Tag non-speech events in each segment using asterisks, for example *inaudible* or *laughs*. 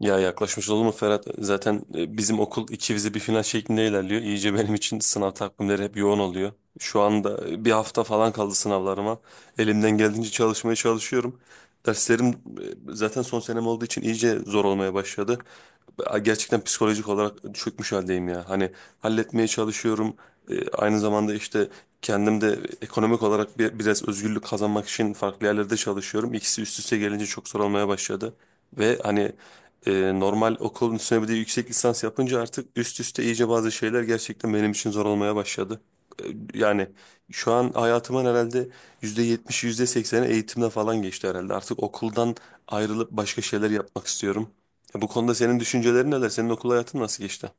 Ya yaklaşmış olur mu Ferhat? Zaten bizim okul iki vize bir final şeklinde ilerliyor. İyice benim için sınav takvimleri hep yoğun oluyor. Şu anda bir hafta falan kaldı sınavlarıma. Elimden geldiğince çalışmaya çalışıyorum. Derslerim zaten son senem olduğu için iyice zor olmaya başladı. Gerçekten psikolojik olarak çökmüş haldeyim ya. Hani halletmeye çalışıyorum. Aynı zamanda işte kendim de ekonomik olarak biraz özgürlük kazanmak için farklı yerlerde çalışıyorum. İkisi üst üste gelince çok zor olmaya başladı. Ve hani normal okulun üstüne bir de yüksek lisans yapınca artık üst üste iyice bazı şeyler gerçekten benim için zor olmaya başladı. E, Yani şu an hayatımın herhalde %70'i yüzde %80'i eğitimle falan geçti herhalde. Artık okuldan ayrılıp başka şeyler yapmak istiyorum. Bu konuda senin düşüncelerin neler? Senin okul hayatın nasıl geçti?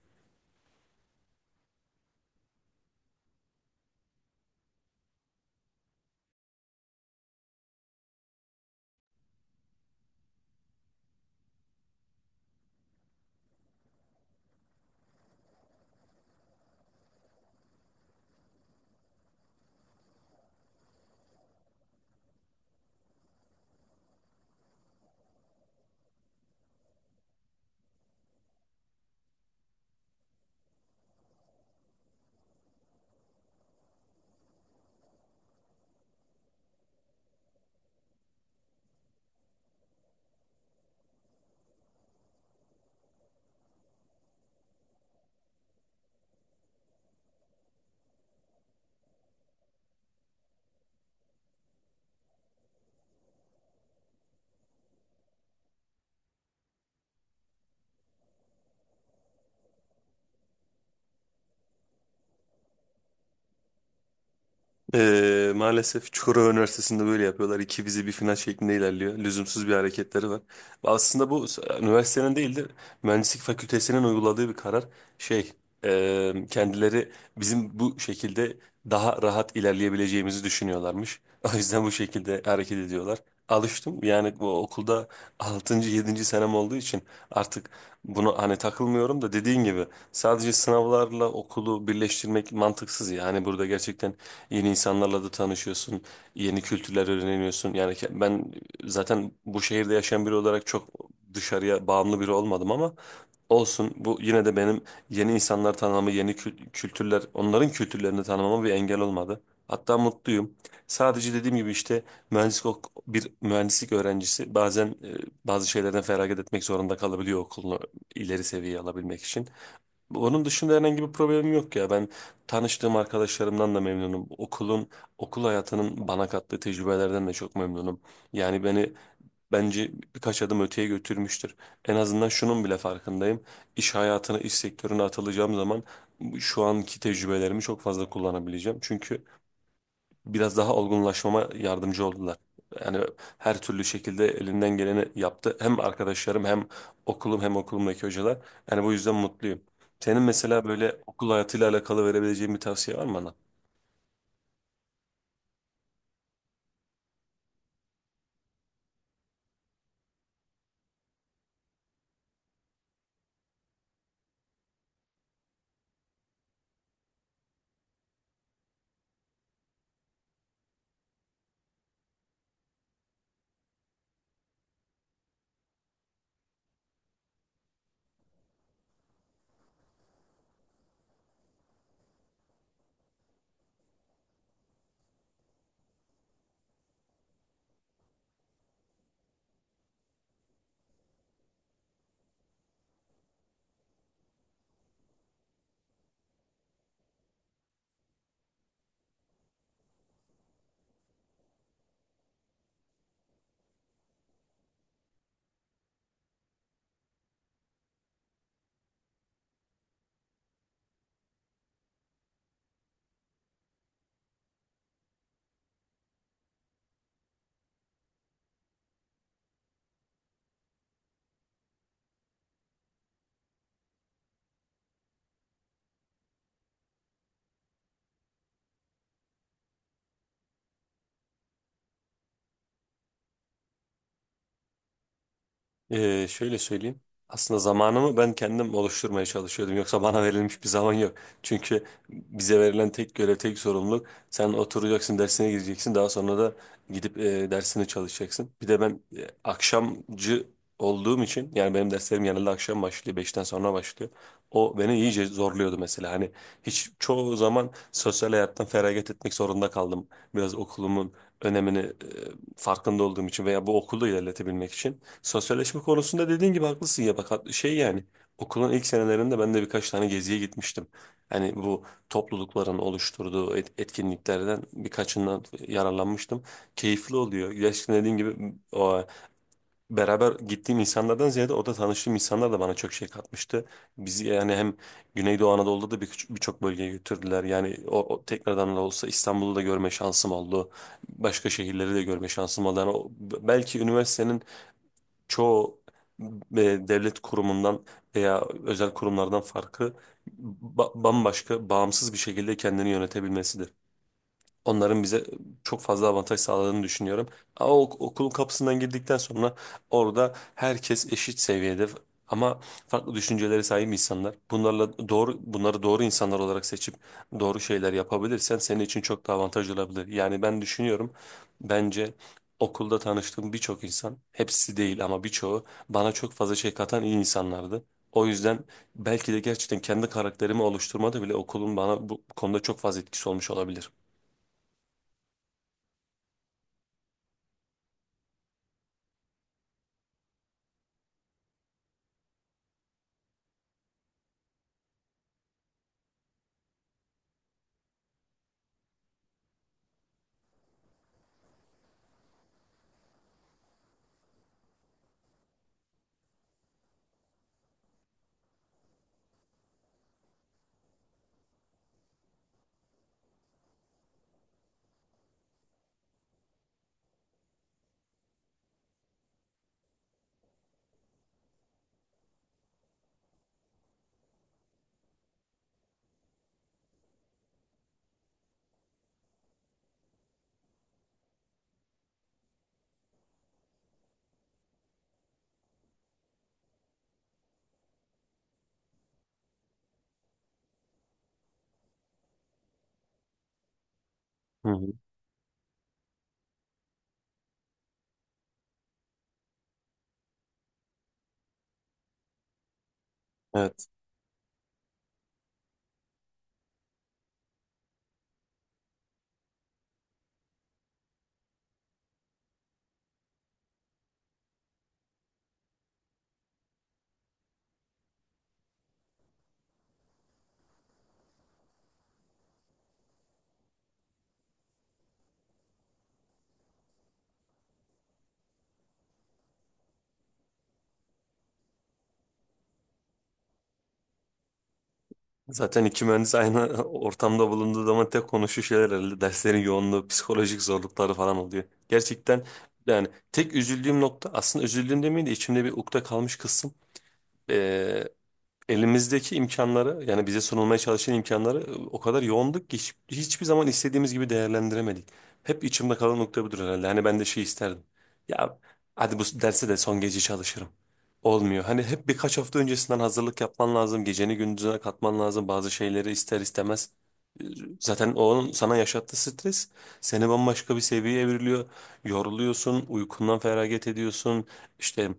Maalesef Çukurova Üniversitesi'nde böyle yapıyorlar. İki vize bir final şeklinde ilerliyor. Lüzumsuz bir hareketleri var. Aslında bu üniversitenin değil de mühendislik fakültesinin uyguladığı bir karar. Şey, kendileri bizim bu şekilde daha rahat ilerleyebileceğimizi düşünüyorlarmış. *laughs* O yüzden bu şekilde hareket ediyorlar. Alıştım. Yani bu okulda altıncı yedinci senem olduğu için artık bunu hani takılmıyorum da dediğin gibi sadece sınavlarla okulu birleştirmek mantıksız ya. Hani burada gerçekten yeni insanlarla da tanışıyorsun, yeni kültürler öğreniyorsun. Yani ben zaten bu şehirde yaşayan biri olarak çok dışarıya bağımlı biri olmadım ama olsun. Bu yine de benim yeni insanlar tanımamı, yeni kültürler, onların kültürlerini tanımama bir engel olmadı. Hatta mutluyum. Sadece dediğim gibi işte mühendislik bir mühendislik öğrencisi bazen bazı şeylerden feragat etmek zorunda kalabiliyor okulunu ileri seviyeye alabilmek için. Onun dışında herhangi bir problemim yok ya. Ben tanıştığım arkadaşlarımdan da memnunum. Okulun, okul hayatının bana kattığı tecrübelerden de çok memnunum. Yani beni bence birkaç adım öteye götürmüştür. En azından şunun bile farkındayım. İş hayatına, iş sektörüne atılacağım zaman şu anki tecrübelerimi çok fazla kullanabileceğim. Çünkü biraz daha olgunlaşmama yardımcı oldular. Yani her türlü şekilde elinden geleni yaptı. Hem arkadaşlarım hem okulum hem okulumdaki hocalar. Yani bu yüzden mutluyum. Senin mesela böyle okul hayatıyla alakalı verebileceğin bir tavsiye var mı bana? Şöyle söyleyeyim. Aslında zamanımı ben kendim oluşturmaya çalışıyordum. Yoksa bana verilmiş bir zaman yok. Çünkü bize verilen tek görev, tek sorumluluk sen oturacaksın, dersine gireceksin. Daha sonra da gidip dersini çalışacaksın. Bir de ben akşamcı olduğum için yani benim derslerim genelde akşam başlıyor, beşten sonra başlıyor. O beni iyice zorluyordu mesela. Hani hiç çoğu zaman sosyal hayattan feragat etmek zorunda kaldım. Biraz okulumun önemini farkında olduğum için veya bu okulu ilerletebilmek için. Sosyalleşme konusunda dediğin gibi haklısın ya bak yani okulun ilk senelerinde ben de birkaç tane geziye gitmiştim. Hani bu toplulukların oluşturduğu etkinliklerden birkaçından yararlanmıştım. Keyifli oluyor. Gerçekten dediğim gibi o beraber gittiğim insanlardan ziyade orada tanıştığım insanlar da bana çok şey katmıştı. Bizi yani hem Güneydoğu Anadolu'da da birçok bölgeye götürdüler. Yani o tekrardan da olsa İstanbul'u da görme şansım oldu. Başka şehirleri de görme şansım oldu. Yani o- belki üniversitenin çoğu e, devlet kurumundan veya özel kurumlardan farkı bambaşka, bağımsız bir şekilde kendini yönetebilmesidir. Onların bize çok fazla avantaj sağladığını düşünüyorum. Ama okulun kapısından girdikten sonra orada herkes eşit seviyede ama farklı düşüncelere sahip insanlar. Bunlarla doğru bunları doğru insanlar olarak seçip doğru şeyler yapabilirsen senin için çok daha avantaj olabilir. Yani ben düşünüyorum bence okulda tanıştığım birçok insan hepsi değil ama birçoğu bana çok fazla şey katan iyi insanlardı. O yüzden belki de gerçekten kendi karakterimi oluşturmada bile okulun bana bu konuda çok fazla etkisi olmuş olabilir. Hı hı. Evet. Zaten iki mühendis aynı *laughs* ortamda bulunduğu zaman tek konuşu şeyler herhalde derslerin yoğunluğu, psikolojik zorlukları falan oluyor. Gerçekten yani tek üzüldüğüm nokta aslında üzüldüğüm demeyeyim de içimde bir ukde kalmış kısım. Elimizdeki imkanları yani bize sunulmaya çalışan imkanları o kadar yoğunduk ki hiçbir zaman istediğimiz gibi değerlendiremedik. Hep içimde kalan nokta budur herhalde. Hani ben de şey isterdim. Ya hadi bu derse de son gece çalışırım. Olmuyor. Hani hep birkaç hafta öncesinden hazırlık yapman lazım. Geceni gündüzüne katman lazım. Bazı şeyleri ister istemez. E, Zaten onun sana yaşattığı stres seni bambaşka bir seviyeye evriliyor. Yoruluyorsun, uykundan feragat ediyorsun. İşte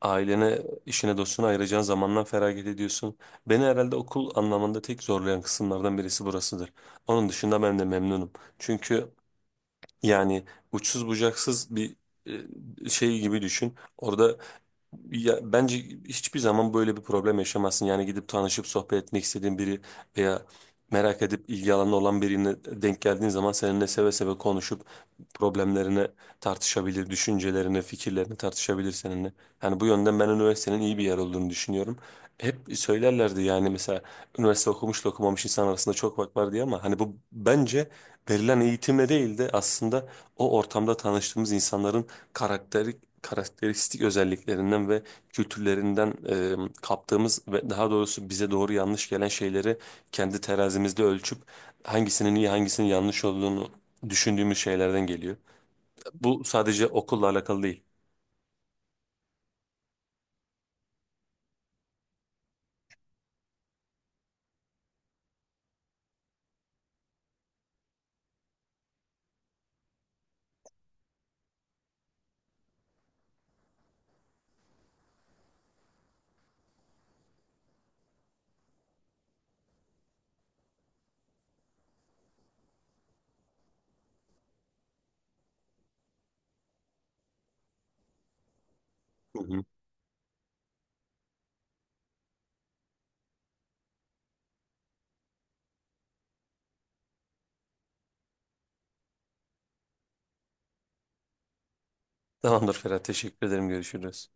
ailene, İşine dostuna ayıracağın zamandan feragat ediyorsun. Beni herhalde okul anlamında tek zorlayan kısımlardan birisi burasıdır. Onun dışında ben de memnunum. Çünkü yani uçsuz bucaksız bir şey gibi düşün. Orada ya bence hiçbir zaman böyle bir problem yaşamazsın. Yani gidip tanışıp sohbet etmek istediğin biri veya merak edip ilgi alanı olan birine denk geldiğin zaman seninle seve seve konuşup problemlerini tartışabilir, düşüncelerini, fikirlerini tartışabilir seninle. Yani bu yönden ben üniversitenin iyi bir yer olduğunu düşünüyorum. Hep söylerlerdi yani mesela üniversite okumuşla okumamış insan arasında çok fark var diye ama hani bu bence verilen eğitimle değil de aslında o ortamda tanıştığımız insanların karakteri karakteristik özelliklerinden ve kültürlerinden kaptığımız ve daha doğrusu bize doğru yanlış gelen şeyleri kendi terazimizde ölçüp hangisinin iyi hangisinin yanlış olduğunu düşündüğümüz şeylerden geliyor. Bu sadece okulla alakalı değil. Hı hı. Tamamdır Ferhat, teşekkür ederim. Görüşürüz.